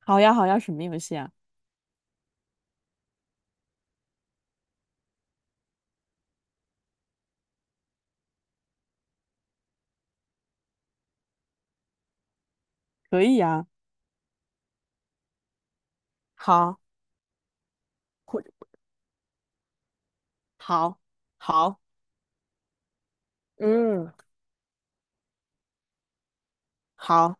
好呀，好呀，什么游戏啊？可以呀，好，或好，好，嗯，好，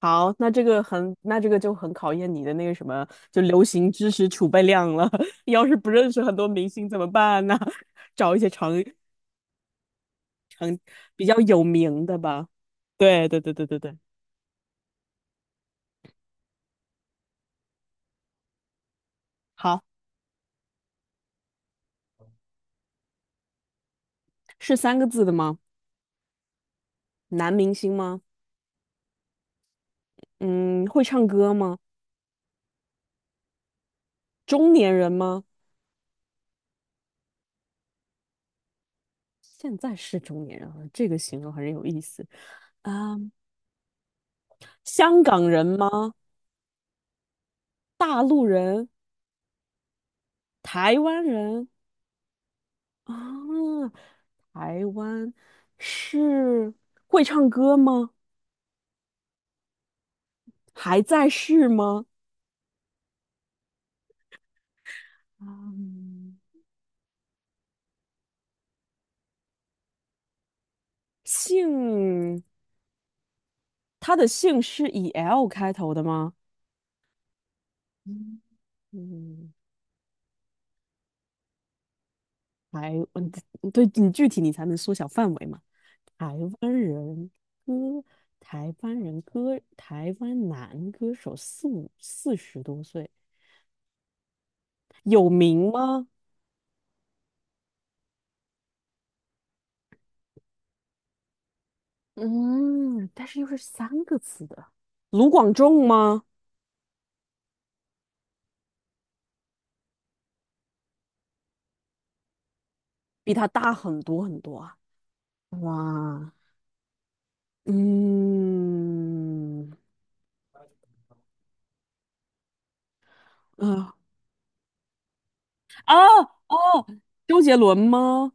好，那这个就很考验你的那个什么，就流行知识储备量了。要是不认识很多明星怎么办呢？找一些比较有名的吧。对，对，对，对，对，对。好，是三个字的吗？男明星吗？嗯，会唱歌吗？中年人吗？现在是中年人了，这个形容很有意思。啊，香港人吗？大陆人、台湾人啊，台湾是会唱歌吗？还在世吗？嗯姓，他的姓是以 L 开头的吗？嗯嗯，台，嗯，对你具体你才能缩小范围嘛。台湾人歌，台湾男歌手四十多岁，有名吗？嗯，但是又是三个字的，卢广仲吗？比他大很多很多啊。哇，嗯，啊，啊哦，周杰伦吗？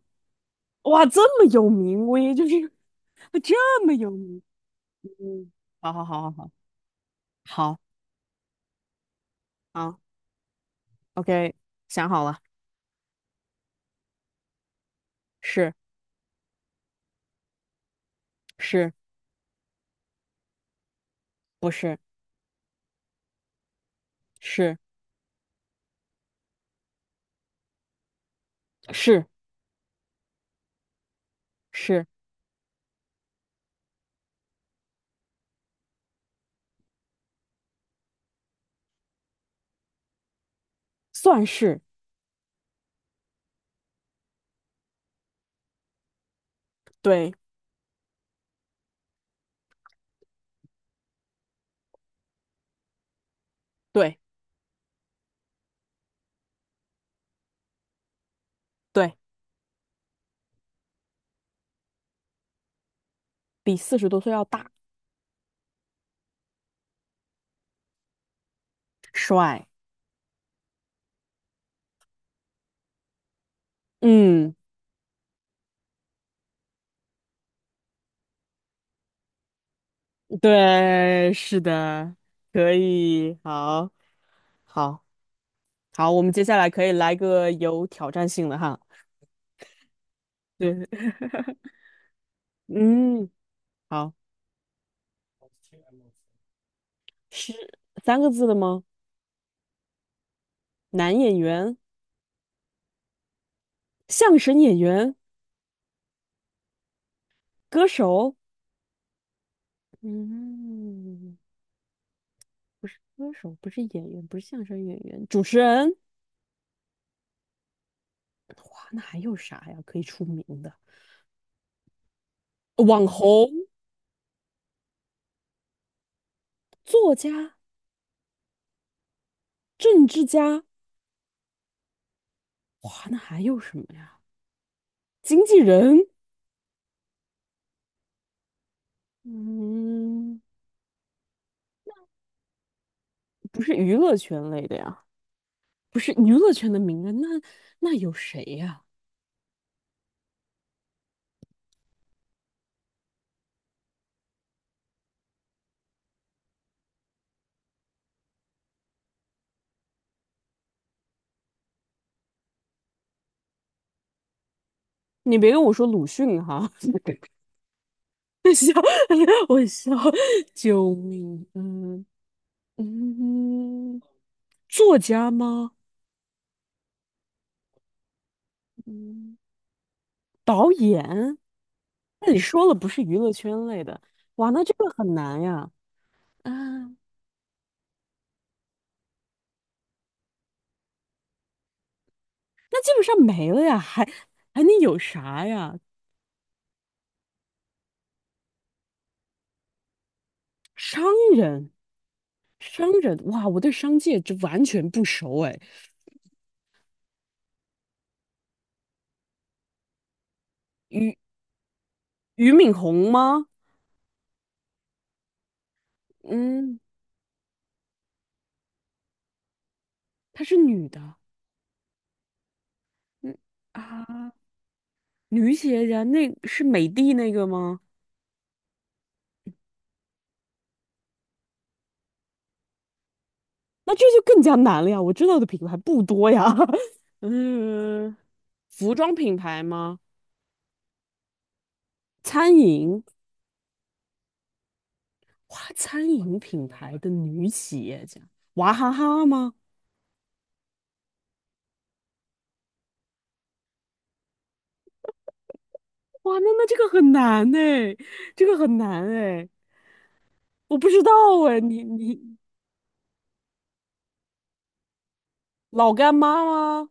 哇，这么有名，我也就是这么有名。嗯，好好好好好好好，OK，想好了，是是不是是是是，算是对对对，比四十多岁要大，帅，嗯。对，是的，可以，好，好，好，我们接下来可以来个有挑战性的哈。对，嗯，好，是三个字的吗？男演员、相声演员、歌手，嗯，不是歌手，不是演员，不是相声演员，主持人。哇，那还有啥呀？可以出名的网红、作家、政治家。哇，那还有什么呀？经纪人。嗯，不是娱乐圈类的呀，不是娱乐圈的名人，那有谁呀？你别跟我说鲁迅哈，笑，我笑，救命！嗯嗯，作家吗？嗯，导演？那你说了不是娱乐圈类的，哇，那这个很难呀。啊，那基本上没了呀，还能有啥呀？商人，商人，哇，我对商界这完全不熟哎。俞俞敏洪吗？嗯，她是女的。嗯啊，女企业家那是美的那个吗？那这就更加难了呀！我知道的品牌不多呀。嗯，服装品牌吗？餐饮，哇，餐饮品牌的女企业家，娃哈哈吗？哇，那这个很难呢，这个很难哎，我不知道哎，老干妈吗？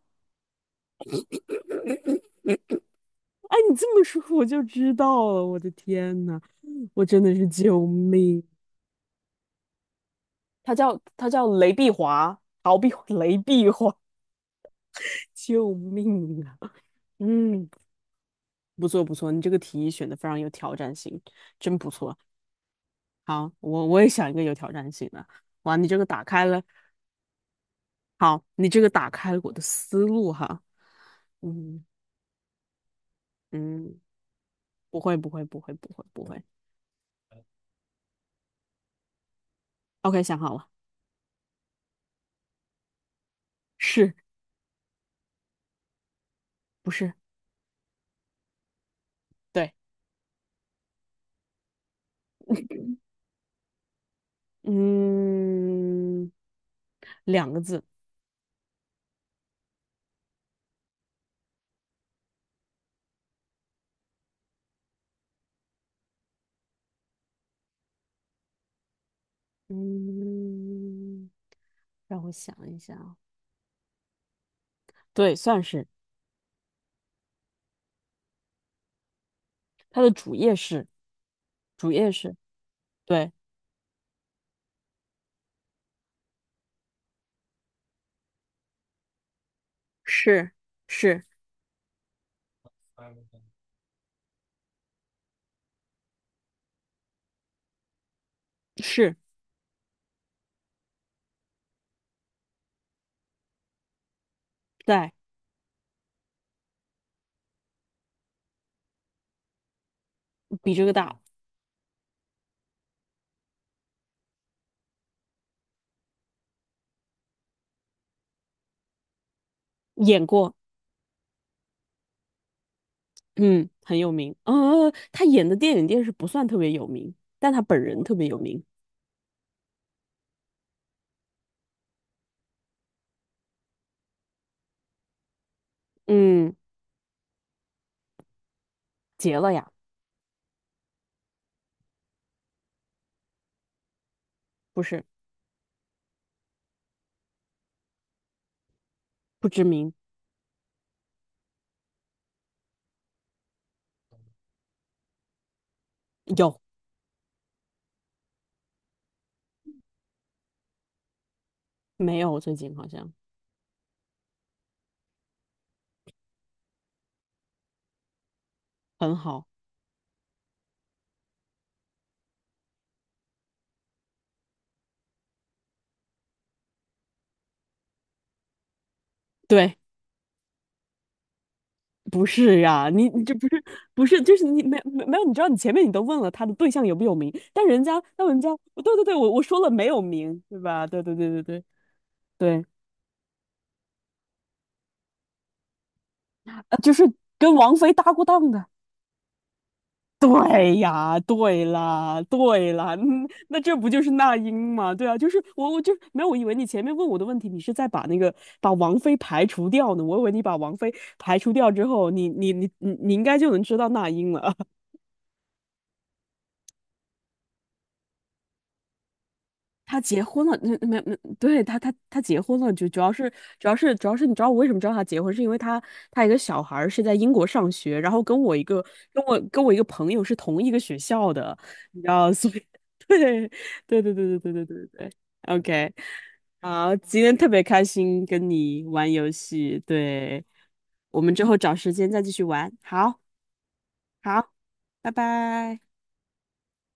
哎，你这么说我就知道了，我的天呐，我真的是救命！他叫雷碧华，雷碧华，救命啊！嗯，不错不错，你这个提议选的非常有挑战性，真不错。好，我也想一个有挑战性的。哇，你这个打开了，好，你这个打开了我的思路哈。嗯嗯，不会不会不会不会不会。OK，想好了，是不是？对，嗯，两个字。嗯，让我想一下啊，对，算是他的主业是主业是，对，是是是在比这个大，演过，嗯，很有名。嗯嗯他演的电影电视不算特别有名，但他本人特别有名。嗯，结了呀，不是不知名，有没有？最近好像很好，对。不是呀、你这不是不是，就是你没有，你知道你前面你都问了他的对象有没有名，但人家那人家，对对对，我说了没有名，对吧？对对对对对对，就是跟王菲搭过档的。对呀，对啦，对啦，嗯，那这不就是那英吗？对啊，就是我就没有，我以为你前面问我的问题，你是在把那个把王菲排除掉呢，我以为你把王菲排除掉之后，你应该就能知道那英了。他结婚了，那没没，对他结婚了，就主要是你知道我为什么知道他结婚，是因为他一个小孩儿是在英国上学，然后跟我一个朋友是同一个学校的，你知道，所以 对对对对对对对对对，OK，好，今天特别开心跟你玩游戏，对，我们之后找时间再继续玩，好，好，拜拜。